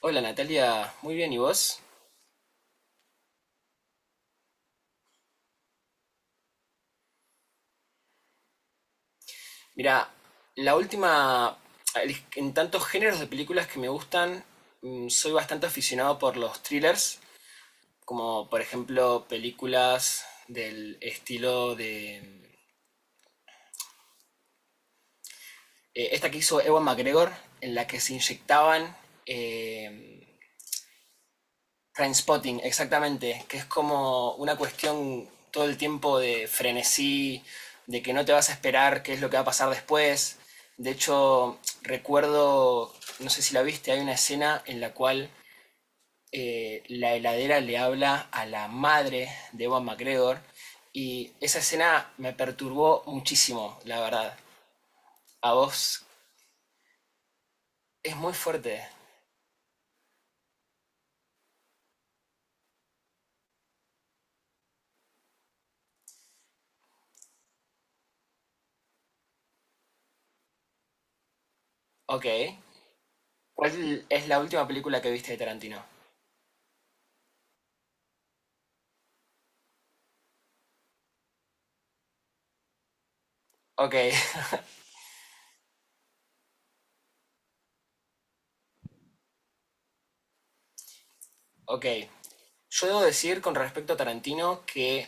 Hola Natalia, muy bien, ¿y vos? Mira, la última, en tantos géneros de películas que me gustan, soy bastante aficionado por los thrillers, como por ejemplo películas del estilo de esta que hizo Ewan McGregor, en la que se inyectaban eh, Trainspotting, exactamente, que es como una cuestión todo el tiempo de frenesí, de que no te vas a esperar qué es lo que va a pasar después. De hecho, recuerdo, no sé si la viste, hay una escena en la cual la heladera le habla a la madre de Ewan McGregor y esa escena me perturbó muchísimo, la verdad. A vos es muy fuerte. Ok. ¿Cuál es la última película que viste de Tarantino? Ok, ok. Yo debo decir con respecto a Tarantino que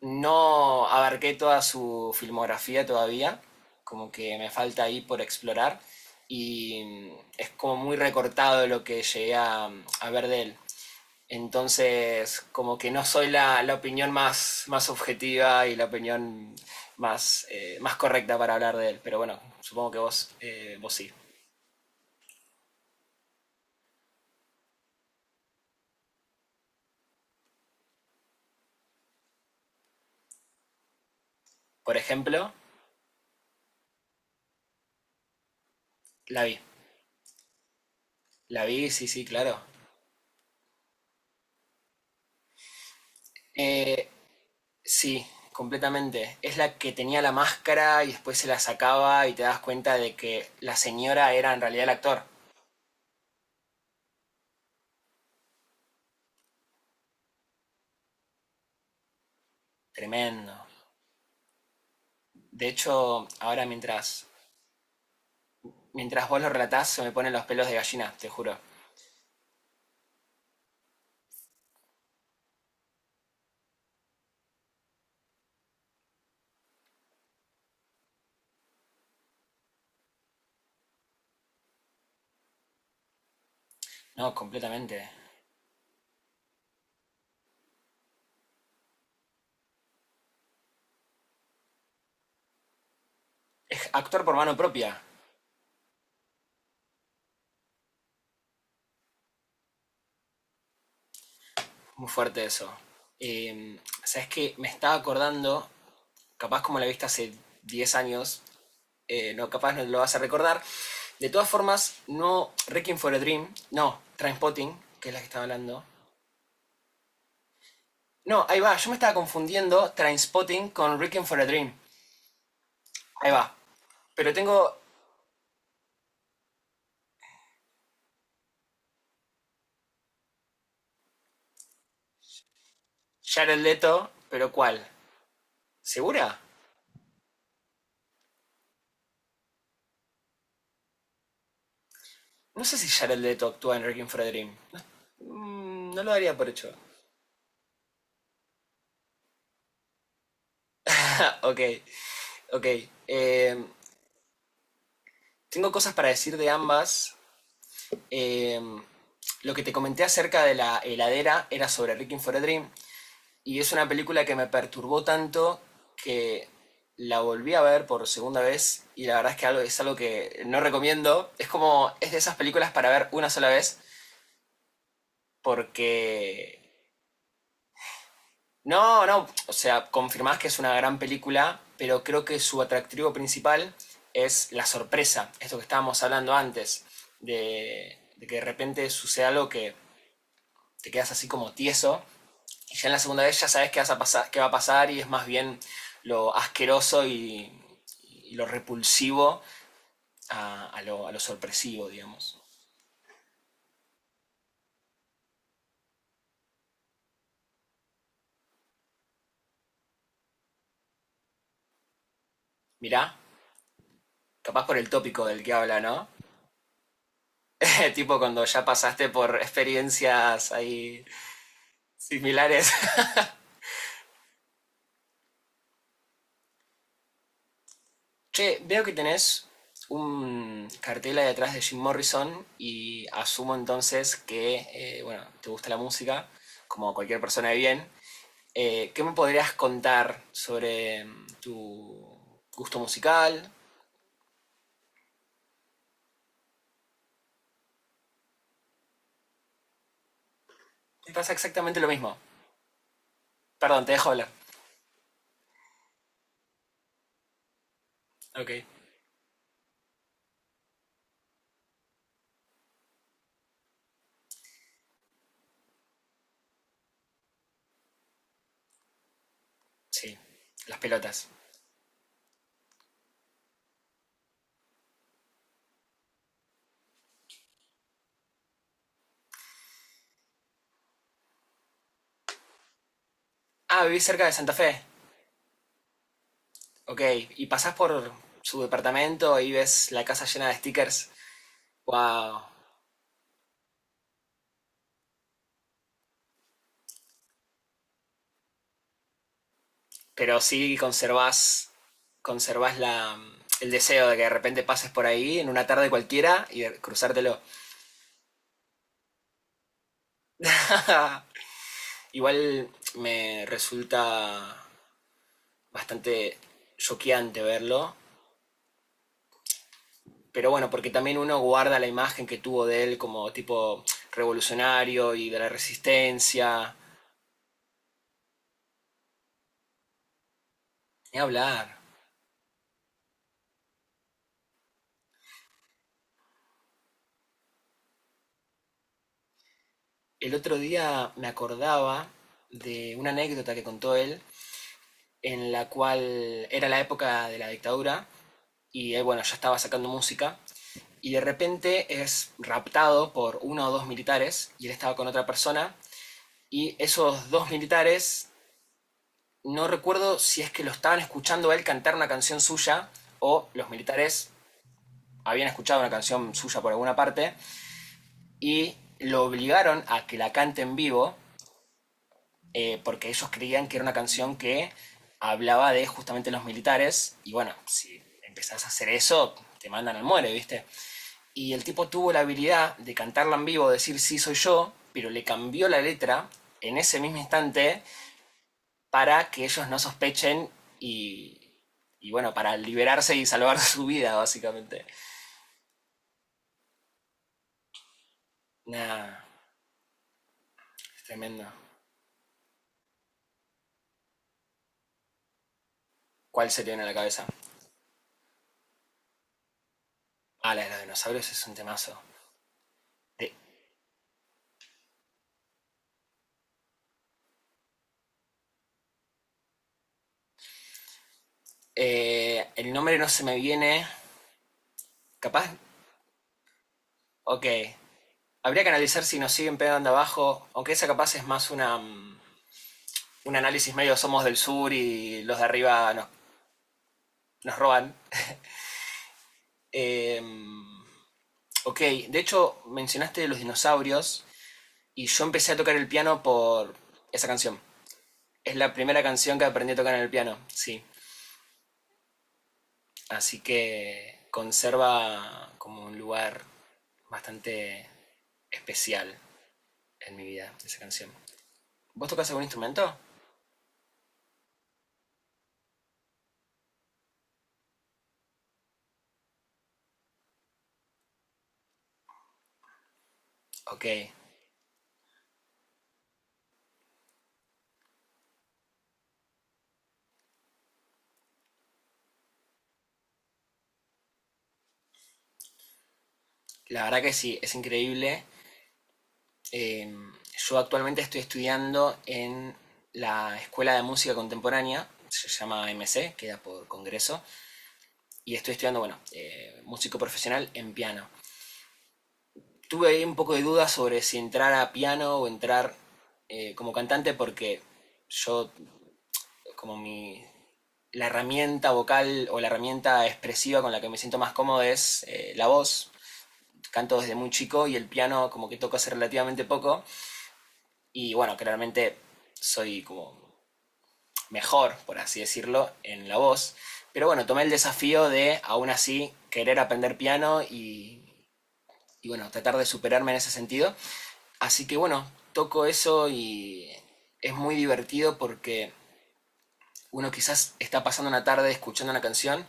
no abarqué toda su filmografía todavía, como que me falta ahí por explorar y es como muy recortado lo que llegué a ver de él. Entonces, como que no soy la opinión más objetiva y la opinión más correcta para hablar de él, pero bueno, supongo que vos sí. Por ejemplo, la vi. La vi, sí, sí, claro. Eh, Sí, completamente. Es la que tenía la máscara y después se la sacaba y te das cuenta de que la señora era en realidad el actor. Tremendo. De hecho, ahora mientras vos lo relatás se me ponen los pelos de gallina, te juro. No, completamente. Actor por mano propia. Muy fuerte eso. Sabes que me estaba acordando, capaz como la viste hace 10 años, no, capaz no lo vas a recordar. De todas formas, no Requiem for a Dream, no, Trainspotting, que es la que estaba hablando. No, ahí va. Yo me estaba confundiendo Trainspotting con Requiem for a Dream. Ahí va. Pero tengo Jared Leto, pero ¿cuál? ¿Segura? No sé si Jared Leto actúa en Requiem for a Dream. No lo daría por hecho. ok, ok. Eh, tengo cosas para decir de ambas. Eh, lo que te comenté acerca de la heladera era sobre Requiem for a Dream. Y es una película que me perturbó tanto que la volví a ver por segunda vez y la verdad es que es algo que no recomiendo. Es de esas películas para ver una sola vez porque. No, no, o sea, confirmás que es una gran película, pero creo que su atractivo principal es la sorpresa, esto que estábamos hablando antes, de que de repente suceda algo que te quedas así como tieso. Y ya en la segunda vez ya sabes qué va a pasar y es más bien lo asqueroso y lo repulsivo a lo sorpresivo, digamos. Mirá, capaz por el tópico del que habla, ¿no? Tipo cuando ya pasaste por experiencias ahí similares. Che, veo que tenés un cartel ahí atrás de Jim Morrison y asumo entonces que, bueno, te gusta la música, como cualquier persona de bien. ¿Qué me podrías contar sobre tu gusto musical? Me pasa exactamente lo mismo. Perdón, te dejo hablar. Ok. Sí, las pelotas. Ah, vivís cerca de Santa Fe. Ok. Y pasás por su departamento y ves la casa llena de stickers. Wow. Pero sí conservás el deseo de que de repente pases por ahí en una tarde cualquiera y de cruzártelo. Igual me resulta bastante choqueante verlo. Pero bueno, porque también uno guarda la imagen que tuvo de él como tipo revolucionario y de la resistencia. Ni hablar. El otro día me acordaba de una anécdota que contó él, en la cual era la época de la dictadura y él, bueno, ya estaba sacando música y de repente es raptado por uno o dos militares y él estaba con otra persona y esos dos militares no recuerdo si es que lo estaban escuchando a él cantar una canción suya o los militares habían escuchado una canción suya por alguna parte y lo obligaron a que la cante en vivo porque ellos creían que era una canción que hablaba de justamente los militares y bueno, si empezás a hacer eso te mandan al muere, ¿viste? Y el tipo tuvo la habilidad de cantarla en vivo, decir sí soy yo, pero le cambió la letra en ese mismo instante para que ellos no sospechen y, y bueno, para liberarse y salvar su vida, básicamente. Nah, es tremendo. ¿Cuál se le viene a la cabeza? Ah, la de los dinosaurios es un temazo. De- el nombre no se me viene. ¿Capaz? Ok. Habría que analizar si nos siguen pegando abajo, aunque esa capaz es más un análisis medio somos del sur y los de arriba nos roban. Eh, ok, de hecho mencionaste los dinosaurios. Y yo empecé a tocar el piano por esa canción. Es la primera canción que aprendí a tocar en el piano, sí. Así que conserva como un lugar bastante especial en mi vida esa canción. ¿Vos tocas algún instrumento? Ok. La verdad que sí, es increíble. Eh, yo actualmente estoy estudiando en la Escuela de Música Contemporánea, se llama M C queda por Congreso, y estoy estudiando, bueno, músico profesional en piano. Tuve ahí un poco de dudas sobre si entrar a piano o entrar como cantante porque yo como mi la herramienta vocal o la herramienta expresiva con la que me siento más cómodo es la voz. Canto desde muy chico y el piano como que toco hace relativamente poco y bueno, claramente soy como mejor, por así decirlo, en la voz. Pero bueno, tomé el desafío de aún así querer aprender piano y bueno, tratar de superarme en ese sentido. Así que bueno, toco eso y es muy divertido porque uno quizás está pasando una tarde escuchando una canción.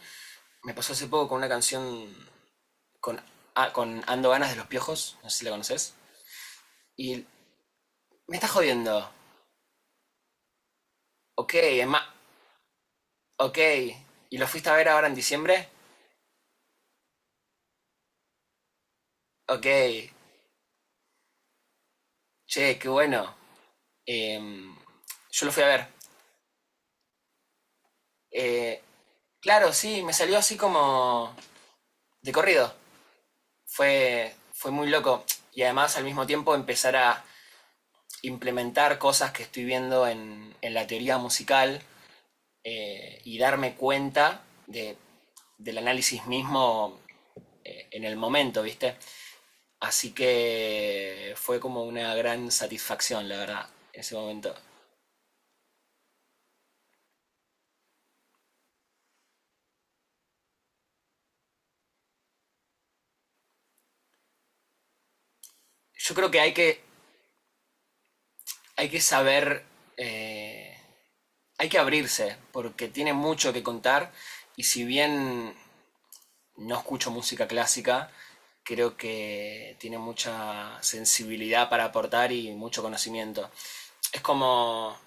Me pasó hace poco con una canción con, con Ando Ganas de los Piojos, no sé si la conoces. Y me está jodiendo. Ok, es más, ok. ¿Y lo fuiste a ver ahora en diciembre? Ok, che, qué bueno. Em, yo lo fui a ver. Eh, claro, sí, me salió así como de corrido. Fue muy loco. Y además al mismo tiempo empezar a implementar cosas que estoy viendo en la teoría musical y darme cuenta del análisis mismo en el momento, ¿viste? Así que fue como una gran satisfacción, la verdad, ese momento. Yo creo que hay que saber, eh, hay que abrirse, porque tiene mucho que contar y si bien no escucho música clásica, creo que tiene mucha sensibilidad para aportar y mucho conocimiento. Es como,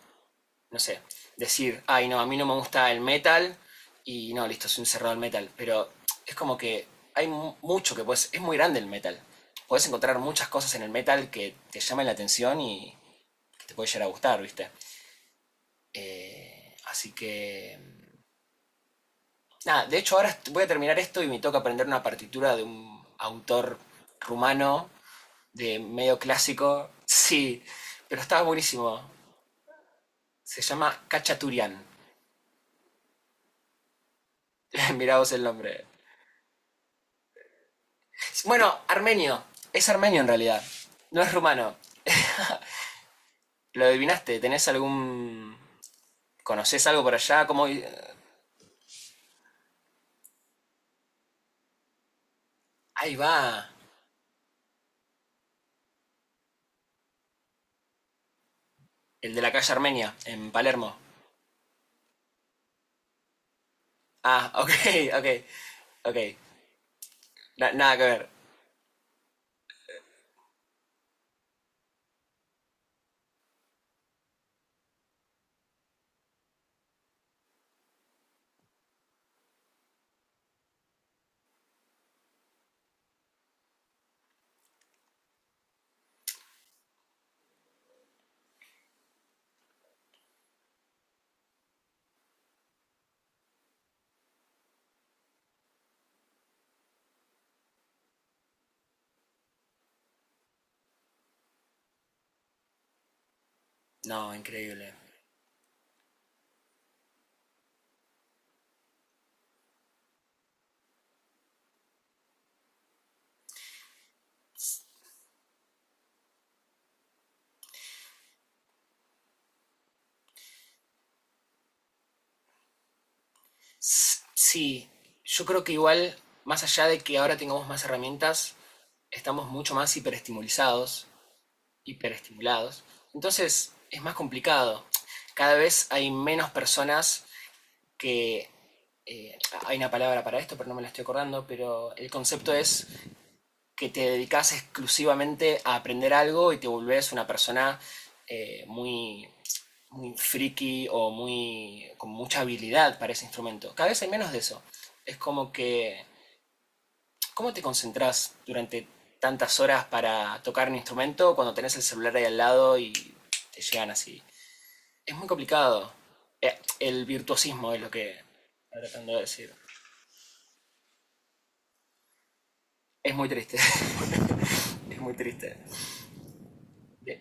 no sé, decir, ay, no, a mí no me gusta el metal y no, listo, soy un cerrado al metal, pero es como que hay mucho que puedes, es muy grande el metal. Puedes encontrar muchas cosas en el metal que te llamen la atención y que te puede llegar a gustar, ¿viste? Así que nada, de hecho ahora voy a terminar esto y me toca aprender una partitura de un autor rumano, de medio clásico. Sí, pero estaba buenísimo. Se llama Cachaturian. Mirá vos el nombre. Bueno, armenio. Es armenio en realidad. No es rumano. ¿Lo adivinaste? ¿Tenés algún? ¿Conocés algo por allá? ¿Cómo? Ahí va. El de la calle Armenia, en Palermo. Ah, ok, ok, ok. Nada que ver. No, increíble. Sí, yo creo que igual, más allá de que ahora tengamos más herramientas, estamos mucho más hiperestimulados. Entonces es más complicado. Cada vez hay menos personas que... eh, hay una palabra para esto, pero no me la estoy acordando, pero el concepto es que te dedicas exclusivamente a aprender algo y te volvés una persona muy muy friki o muy con mucha habilidad para ese instrumento. Cada vez hay menos de eso. Es como que, ¿cómo te concentras durante tantas horas para tocar un instrumento cuando tenés el celular ahí al lado y te llegan así? Es muy complicado. El virtuosismo es lo que está tratando de decir. Es muy triste, es muy triste. Eh,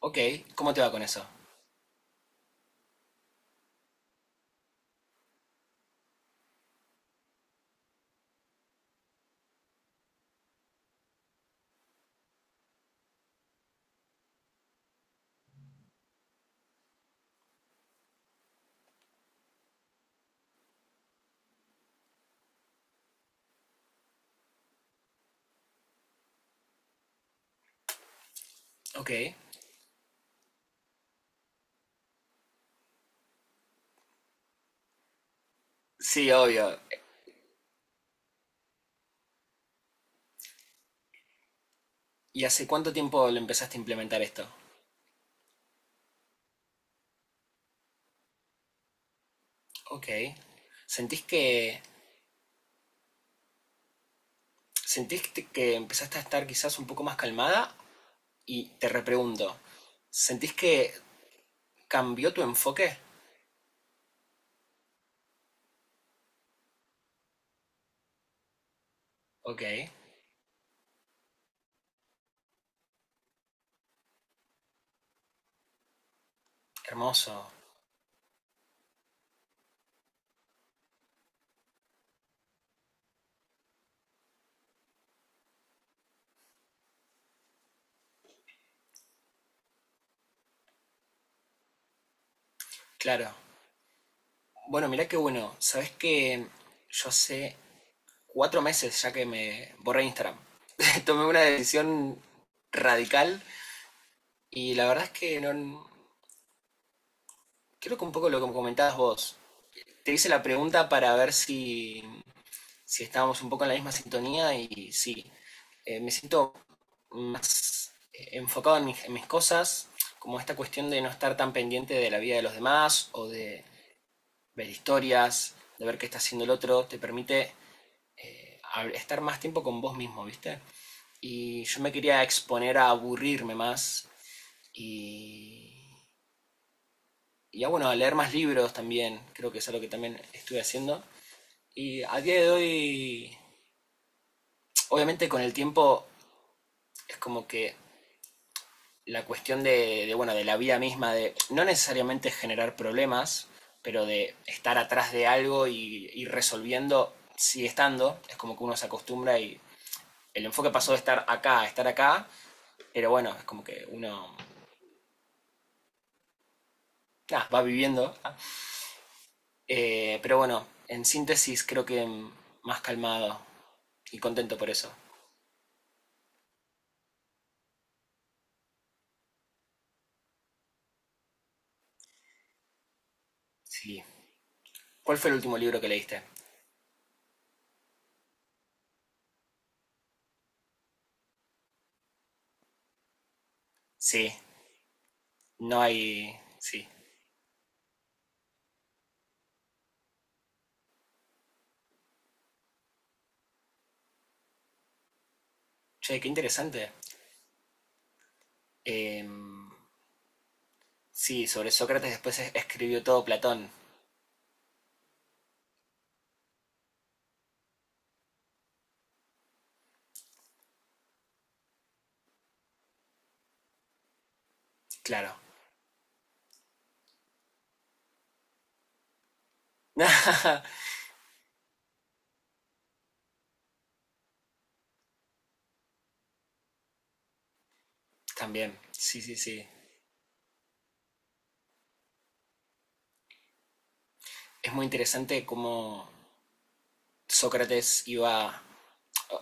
Ok, ¿cómo te va con eso? Ok, sí, obvio. ¿Y hace cuánto tiempo lo empezaste a implementar esto? Ok, ¿sentís que ¿Sentís que empezaste a estar quizás un poco más calmada? Y te repregunto, ¿sentís que cambió tu enfoque? Ok, hermoso, claro. Bueno, mirá qué bueno. Sabés que yo hace 4 meses ya que me borré Instagram. Tomé una decisión radical y la verdad es que no. Creo que un poco lo que comentabas vos. Te hice la pregunta para ver si estábamos un poco en la misma sintonía y sí, me siento más enfocado en mis cosas, como esta cuestión de no estar tan pendiente de la vida de los demás o de ver historias, de ver qué está haciendo el otro, te permite eh, estar más tiempo con vos mismo, ¿viste? Y yo me quería exponer a aburrirme más y, y a, bueno, a leer más libros también, creo que es algo que también estuve haciendo. Y a día de hoy, obviamente con el tiempo es como que la cuestión bueno, de la vida misma, de no necesariamente generar problemas, pero de estar atrás de algo y ir resolviendo, sigue estando, es como que uno se acostumbra y el enfoque pasó de estar acá a estar acá, pero bueno, es como que uno nah, va viviendo. Pero bueno, en síntesis creo que más calmado y contento por eso. Sí. ¿Cuál fue el último libro que leíste? Sí, no hay. Sí. Che, qué interesante. Eh, Sí, sobre Sócrates después escribió todo Platón, claro. También, sí, sí, sí. Es muy interesante cómo Sócrates iba,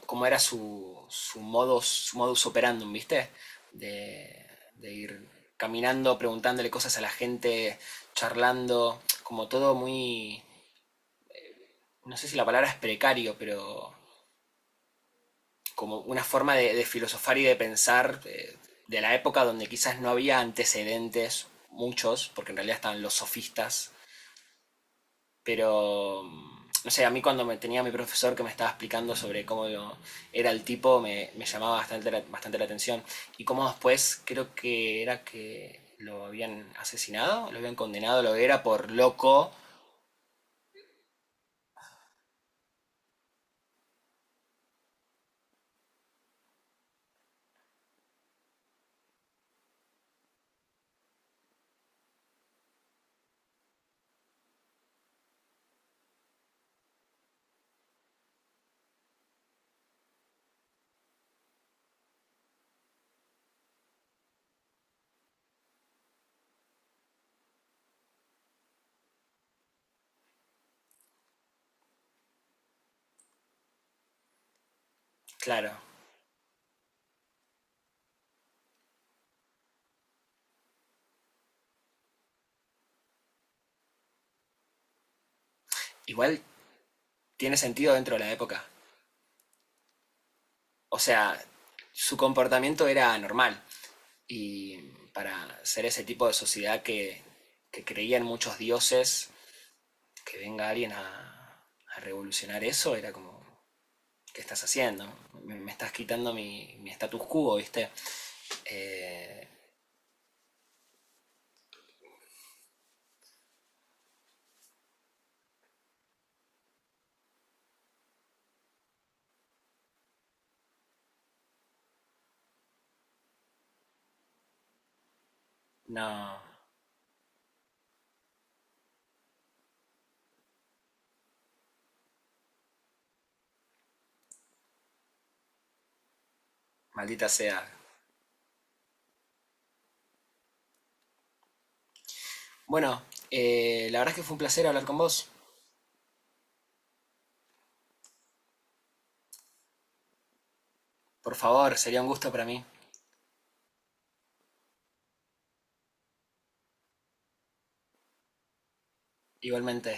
cómo era su modus operandum, ¿viste? De, de ir caminando, preguntándole cosas a la gente, charlando, como todo muy, no sé si la palabra es precario, pero como una forma de filosofar y de pensar de la época donde quizás no había antecedentes, muchos, porque en realidad estaban los sofistas, pero no sé, a mí cuando me tenía mi profesor que me estaba explicando sobre cómo era el tipo, me llamaba bastante la atención. Y cómo después creo que era que lo habían asesinado, lo habían condenado, lo era por loco. Claro, igual tiene sentido dentro de la época. O sea, su comportamiento era anormal. Y para ser ese tipo de sociedad que creía en muchos dioses, que venga alguien a revolucionar eso, era como, ¿qué estás haciendo? Me estás quitando mi status quo, ¿viste? Eh, no, maldita sea. Bueno, la verdad es que fue un placer hablar con vos. Por favor, sería un gusto para mí. Igualmente,